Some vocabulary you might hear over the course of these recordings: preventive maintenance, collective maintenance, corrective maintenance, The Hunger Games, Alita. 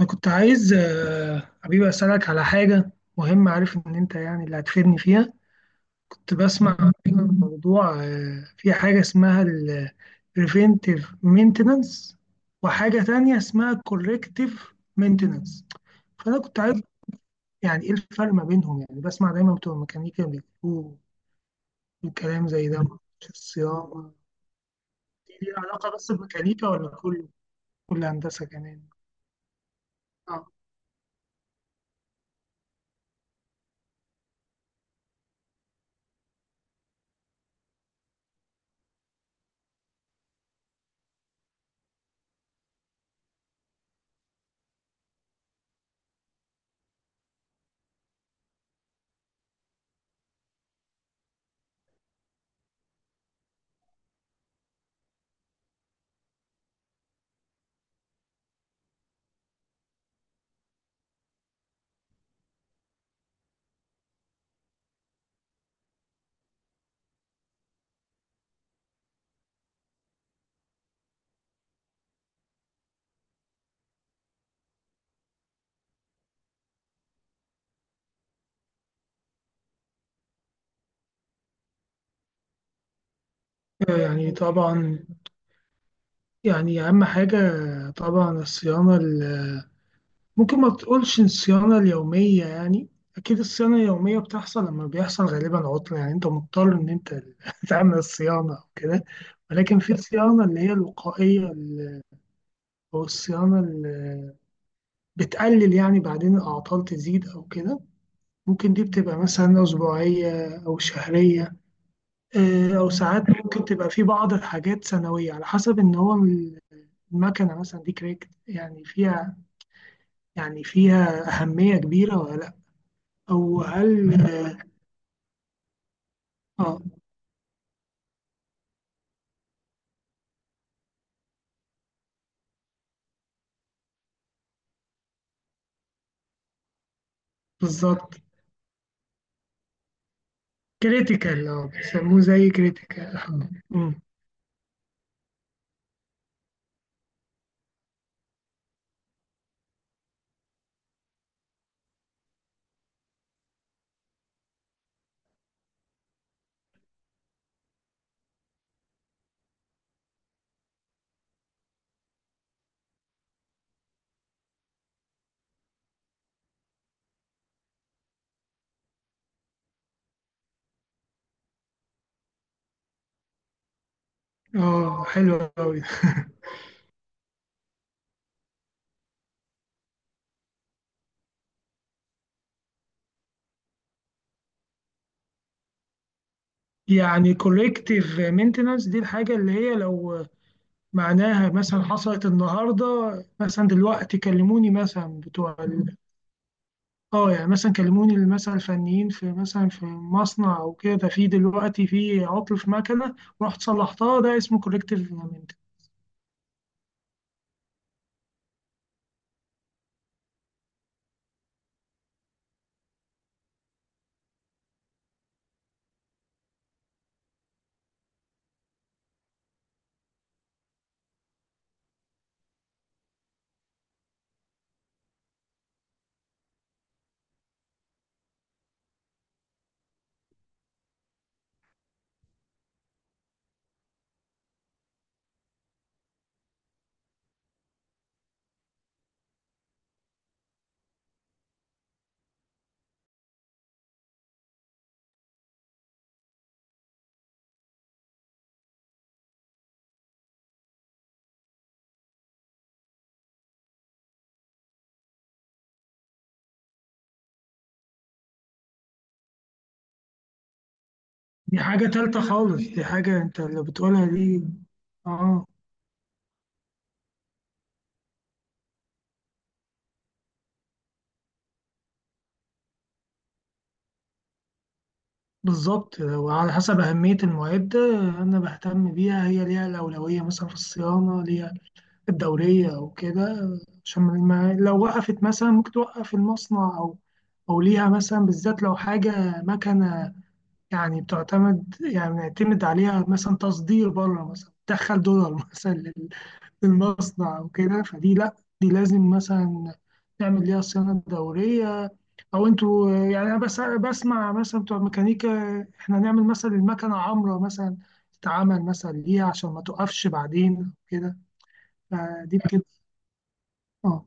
أنا كنت عايز حبيبي، أسألك على حاجة مهمة. عارف إن أنت يعني اللي هتفيدني فيها. كنت بسمع عن موضوع، في حاجة اسمها ال preventive maintenance وحاجة تانية اسمها corrective maintenance. فأنا كنت عايز يعني إيه الفرق ما بينهم؟ يعني بسمع دايما بتوع الميكانيكا بيقولوا كلام زي ده، معرفش الصيانة دي ليها علاقة بس بميكانيكا ولا كل هندسة كمان. آه. يعني طبعا، يعني أهم حاجة طبعا الصيانة ممكن ما تقولش الصيانة اليومية يعني. أكيد الصيانة اليومية بتحصل لما بيحصل غالبا عطلة، يعني أنت مضطر إن أنت تعمل الصيانة أو كده. ولكن في الصيانة اللي هي الوقائية أو الصيانة اللي بتقلل يعني بعدين الأعطال تزيد أو كده. ممكن دي بتبقى مثلا أسبوعية أو شهرية، أو ساعات ممكن تبقى في بعض الحاجات سنوية على حسب إن هو المكنة مثلا دي كريكت، يعني فيها أهمية كبيرة ولا لأ؟ أو هل آه، بالظبط كريتيكال، بيسموه زي كريتيكال. اه، حلو أوي يعني كولكتيف مينتنس دي الحاجة اللي هي لو معناها مثلا حصلت النهاردة، مثلا دلوقتي كلموني مثلا اه، يعني مثلا كلموني مثلا الفنيين في مثلا في مصنع او كده، في دلوقتي في عطل في مكنة ورحت صلحتها، ده اسمه كولكتيف. دي حاجة تالتة خالص، دي حاجة انت اللي بتقولها دي. اه، بالظبط. لو على حسب أهمية المعدة أنا بهتم بيها، هي ليها الأولوية مثلا في الصيانة، ليها الدورية أو كده. عشان ما لو وقفت مثلا ممكن توقف المصنع، أو ليها مثلا بالذات لو حاجة مكنة، يعني بتعتمد يعني بنعتمد عليها، مثلا تصدير بره، مثلا تدخل دولار مثلا للمصنع أو كده. فدي لأ، دي لازم مثلا نعمل ليها صيانة دورية. او انتوا يعني انا بس بسمع مثلا بتوع ميكانيكا احنا نعمل مثلا المكنه عمره مثلا تتعمل مثلا ليه عشان ما توقفش بعدين كده. فدي بتبقى. اه،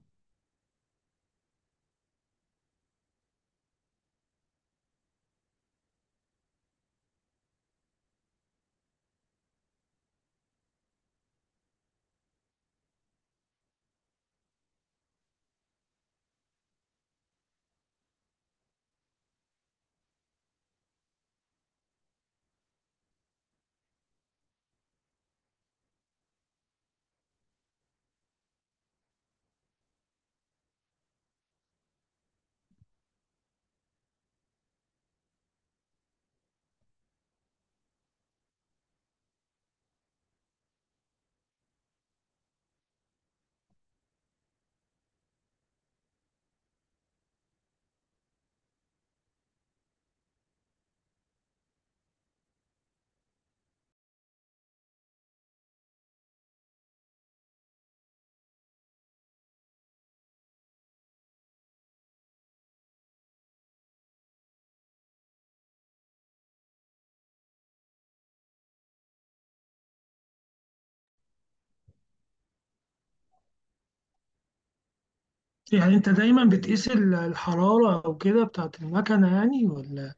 يعني انت دايما بتقيس الحراره او كده بتاعت المكنه، يعني ولا؟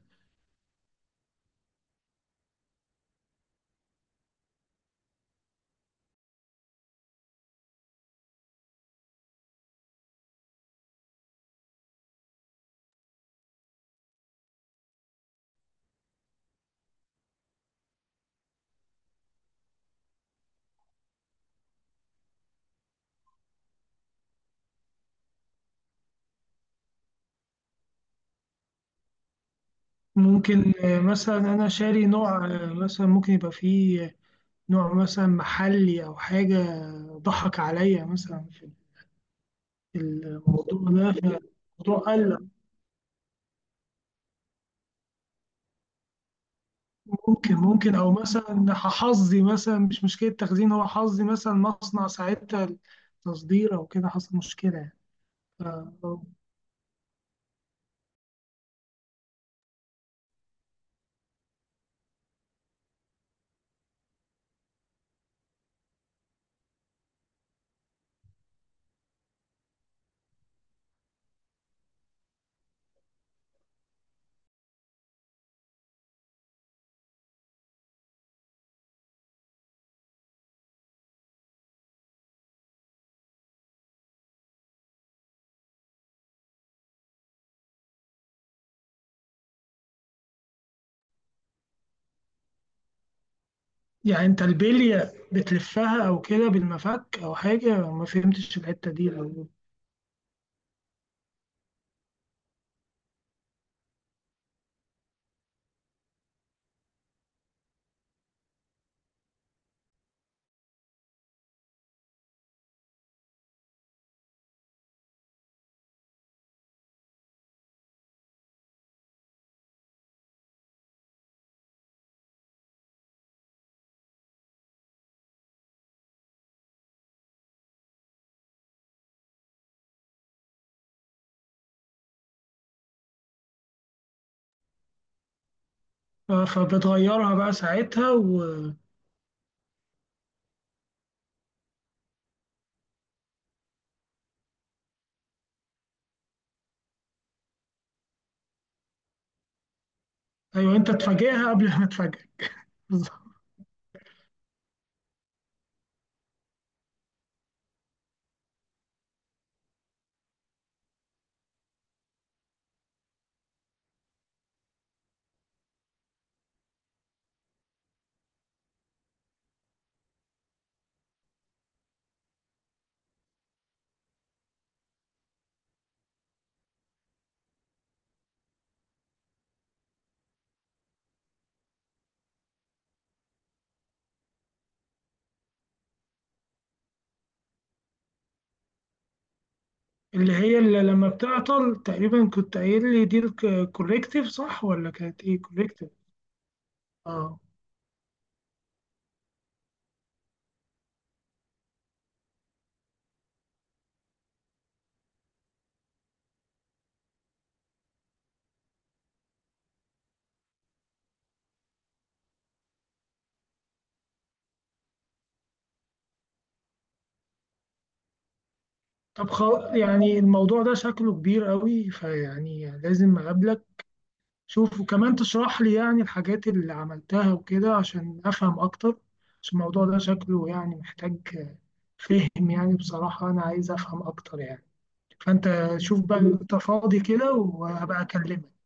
ممكن مثلا انا شاري نوع، مثلا ممكن يبقى فيه نوع مثلا محلي او حاجه، ضحك عليا مثلا في الموضوع ده، فالموضوع قل. ممكن ممكن، او مثلا حظي مثلا مش مشكله تخزين، هو حظي مثلا مصنع ساعتها التصدير او كده حصل مشكله يعني. ف- يعني انت البليه بتلفها او كده بالمفك او حاجه؟ ما فهمتش الحته دي. او ف- فبتغيرها بقى ساعتها و... ايوه، انت تفاجئها قبل ما تفاجئك. بالظبط. اللي هي اللي لما بتعطل، تقريبا كنت قايل لي دي الكوريكتيف صح ولا كانت ايه؟ كوريكتيف. اه، طب خلاص، يعني الموضوع ده شكله كبير قوي، فيعني لازم اقابلك. شوف وكمان تشرح لي يعني الحاجات اللي عملتها وكده عشان افهم اكتر، عشان الموضوع ده شكله يعني محتاج فهم، يعني بصراحة انا عايز افهم اكتر يعني. فانت شوف بقى انت فاضي كده وهبقى اكلمك.